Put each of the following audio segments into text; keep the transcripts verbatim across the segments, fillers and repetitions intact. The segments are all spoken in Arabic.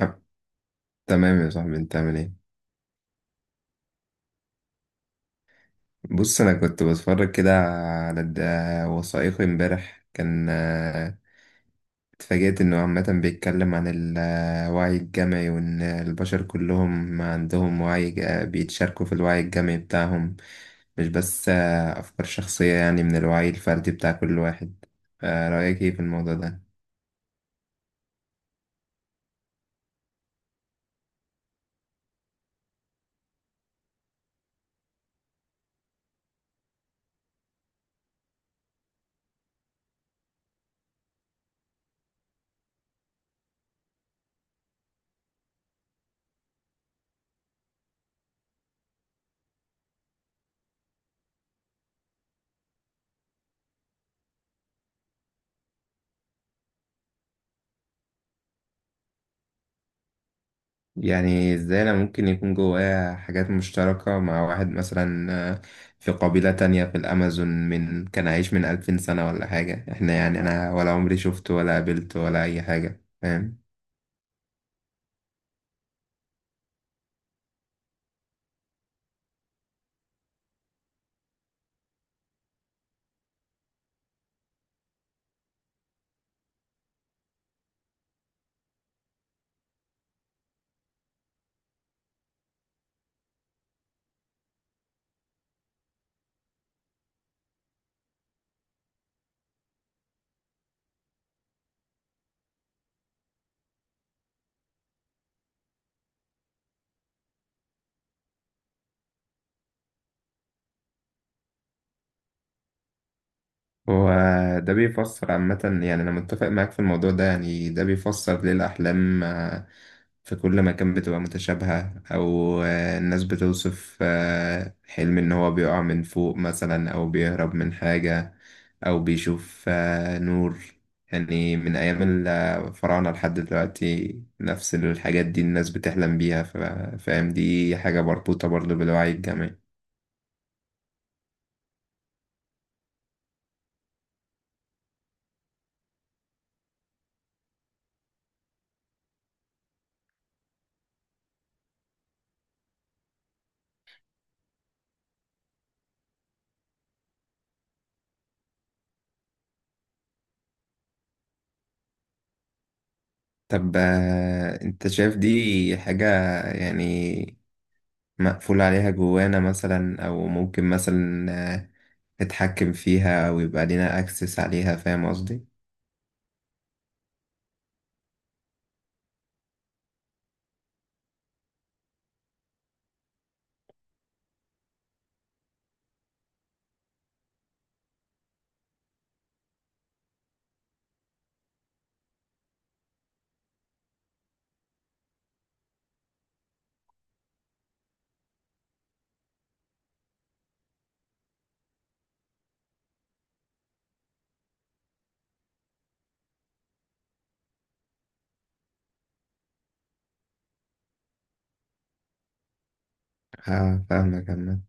أب- تمام يا صاحبي، انت عامل ايه؟ بص، انا كنت بتفرج كده على الد- وثائقي امبارح. كان، آه، اتفاجأت انه عامة بيتكلم عن الوعي الجمعي، وان البشر كلهم عندهم وعي ج- بيتشاركوا في الوعي الجمعي بتاعهم، مش بس آه، افكار شخصية، يعني من الوعي الفردي بتاع كل واحد. آه، رأيك ايه في الموضوع ده؟ يعني ازاي انا ممكن يكون جوايا حاجات مشتركة مع واحد مثلا آه، في قبيلة تانية في الأمازون، من كان عايش من ألفين سنة ولا حاجة، احنا يعني أنا ولا عمري شفته ولا قابلته ولا أي حاجة، فاهم؟ هو ده بيفسر عامة، يعني أنا متفق معاك في الموضوع ده. يعني ده بيفسر ليه الأحلام آه، في كل مكان بتبقى متشابهة، أو آه، الناس بتوصف آه، حلم إن هو بيقع من فوق مثلا، أو بيهرب من حاجة، أو بيشوف آه، نور. يعني من أيام الفراعنة لحد دلوقتي نفس الحاجات دي الناس بتحلم بيها. ف- فاهم، دي حاجة مربوطة برضه بالوعي الجمعي. طب آه، أنت شايف دي حاجة يعني مقفول عليها جوانا مثلا، أو ممكن مثلا آه، نتحكم فيها ويبقى لينا اكسس عليها؟ فاهم قصدي؟ اه، فاهمك عامة.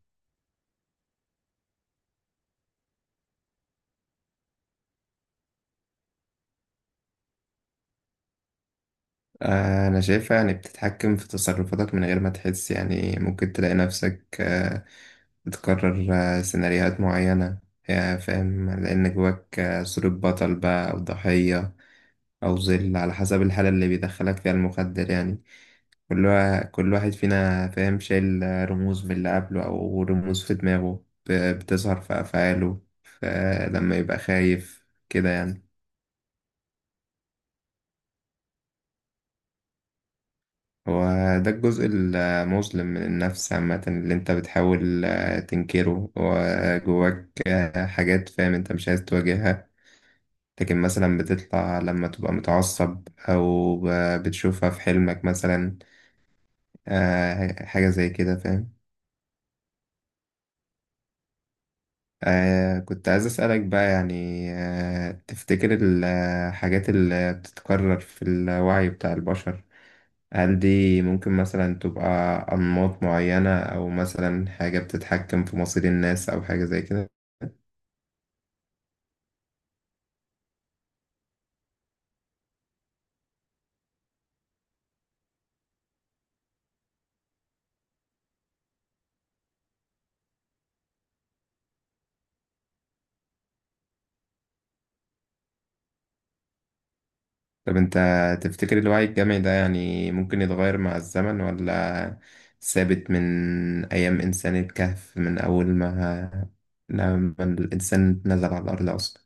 آه، انا شايفها يعني بتتحكم في تصرفاتك من غير ما تحس، يعني ممكن تلاقي نفسك آه، بتكرر آه، سيناريوهات معينة، يا فاهم، لان جواك آه، صورة بطل بقى او ضحية او ظل، على حسب الحالة اللي بيدخلك فيها المخدر. يعني كل وا- كل واحد فينا، فاهم، شايل آه، رموز من اللي قبله، او رموز في دماغه ب- بتظهر في افعاله ف- لما يبقى خايف كده يعني. هو ده الجزء المظلم من النفس عامة، اللي انت بتحاول آه، تنكره، وجواك آه، حاجات، فاهم، انت مش عايز تواجهها. لكن مثلا بتطلع لما تبقى متعصب، أو ب- بتشوفها في حلمك مثلا. آه، حاجة زي كده، فاهم. آه، كنت عايز أسألك بقى، يعني آه، تفتكر الحاجات اللي بتتكرر في الوعي بتاع البشر، هل دي ممكن مثلا تبقى أنماط معينة، أو مثلا حاجة بتتحكم في مصير الناس أو حاجة زي كده؟ طب أنت تفتكر الوعي الجمعي ده يعني ممكن يتغير مع الزمن، ولا ثابت من أيام إنسان الكهف، من أول ما لما الإنسان نزل على الأرض أصلا؟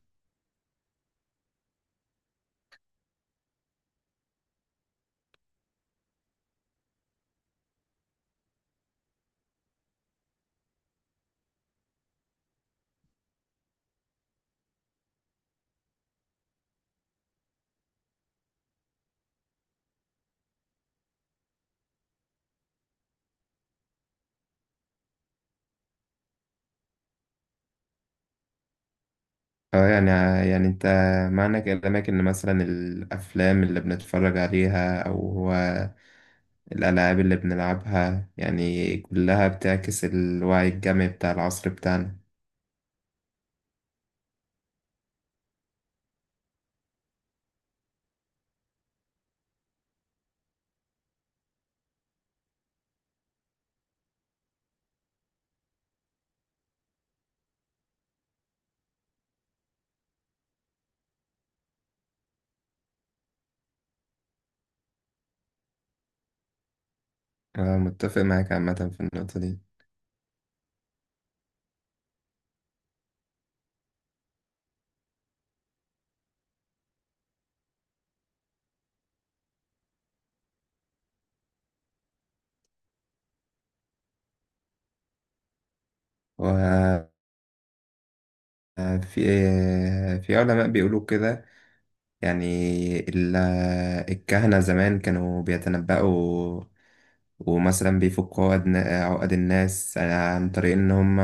اه، يعني، يعني أنت معنى كلامك إن مثلا الأفلام اللي بنتفرج عليها، أو الألعاب اللي بنلعبها، يعني كلها بتعكس الوعي الجمعي بتاع العصر بتاعنا. أنا متفق معاك عامة في النقطة دي. وفي في علماء بيقولوا كده. يعني ال- الكهنة زمان كانوا بيتنبأوا، ومثلا بيفكوا عقد عقد الناس، عن طريق ان هم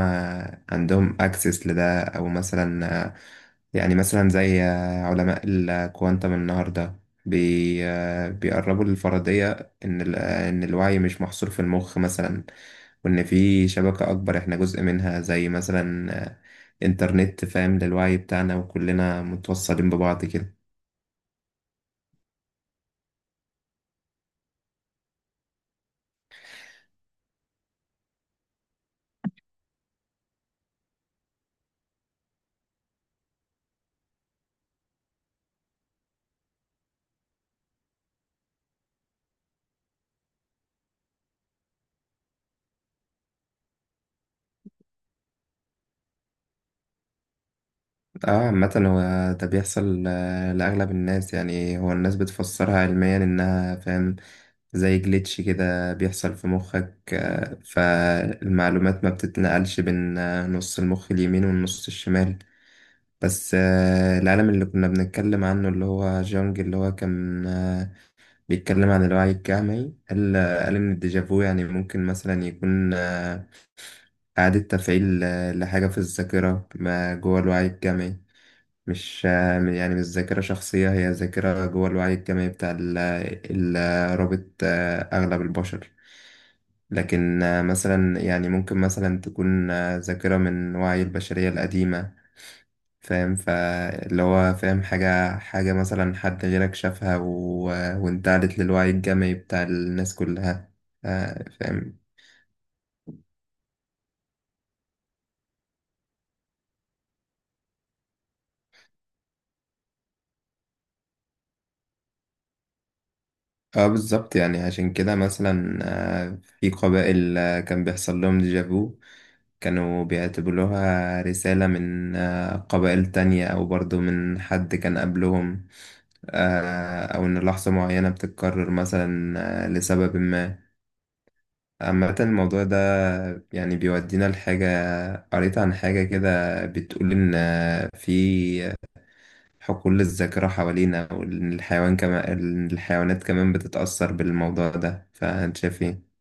عندهم اكسس لده، او مثلا، يعني مثلا زي علماء الكوانتم النهارده بي بيقربوا للفرضية ان ال- ان الوعي مش محصور في المخ مثلا، وان في شبكة اكبر احنا جزء منها، زي مثلا انترنت، فاهم، للوعي بتاعنا، وكلنا متوصلين ببعض كده. اه، عامة هو ده بيحصل آه، لأغلب الناس. يعني هو الناس بتفسرها علميا، إنها، فاهم، زي جليتش كده بيحصل في مخك، آه، فالمعلومات ما بتتنقلش بين آه، نص المخ اليمين والنص الشمال. بس آه، العالم اللي كنا بنتكلم عنه، اللي هو جونج، اللي هو كان آه، بيتكلم عن الوعي الجمعي، قال آه، قال إن الديجافو يعني ممكن مثلا يكون آه، إعادة تفعيل آه، لحاجة في الذاكرة ما، جوه الوعي الجمعي. مش يعني مش ذاكرة شخصية، هي ذاكرة جوه الوعي الجمعي بتاع ال- ال- رابط آه، أغلب البشر. لكن آه، مثلا يعني ممكن مثلا تكون آه، ذاكرة من وعي البشرية القديمة، فاهم. فاللي هو، فاهم، حاجة حاجة مثلا حد غيرك شافها و... وانتقلت للوعي الجمعي بتاع الناس كلها، آه، فاهم. اه، بالظبط. يعني عشان كده مثلا آه، في قبائل آه، كان بيحصل لهم ديجافو، كانوا بيعتبروها رسالة من آه، قبائل تانية، أو برضو من حد كان قبلهم، آه، أو إن لحظة معينة بتتكرر مثلا آه، لسبب ما. عامة الموضوع ده يعني بيودينا لحاجة. قريت عن حاجة كده بتقول إن آه، في حقول الذاكرة حوالينا، وإن الحيوان كمان، الحيوانات كمان بتتأثر بالموضوع ده. فأنت شايف إيه؟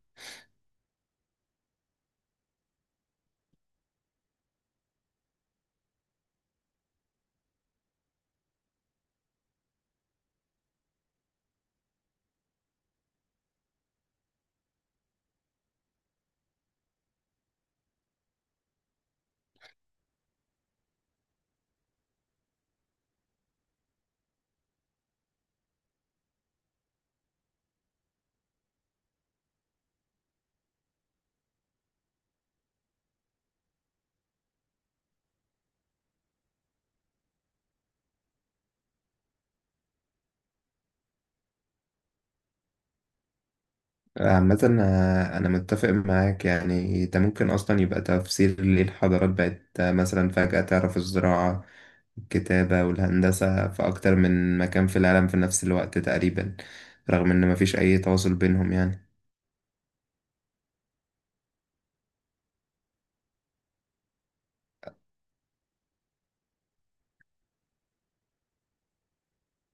عامة آه، أنا متفق معاك. يعني ده ممكن أصلا يبقى تفسير ليه الحضارات بقت آه، مثلا فجأة تعرف الزراعة الكتابة والهندسة في أكتر من مكان في العالم، في نفس الوقت تقريبا، رغم إن مفيش أي تواصل بينهم يعني.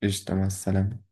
قشطة، مع السلامة.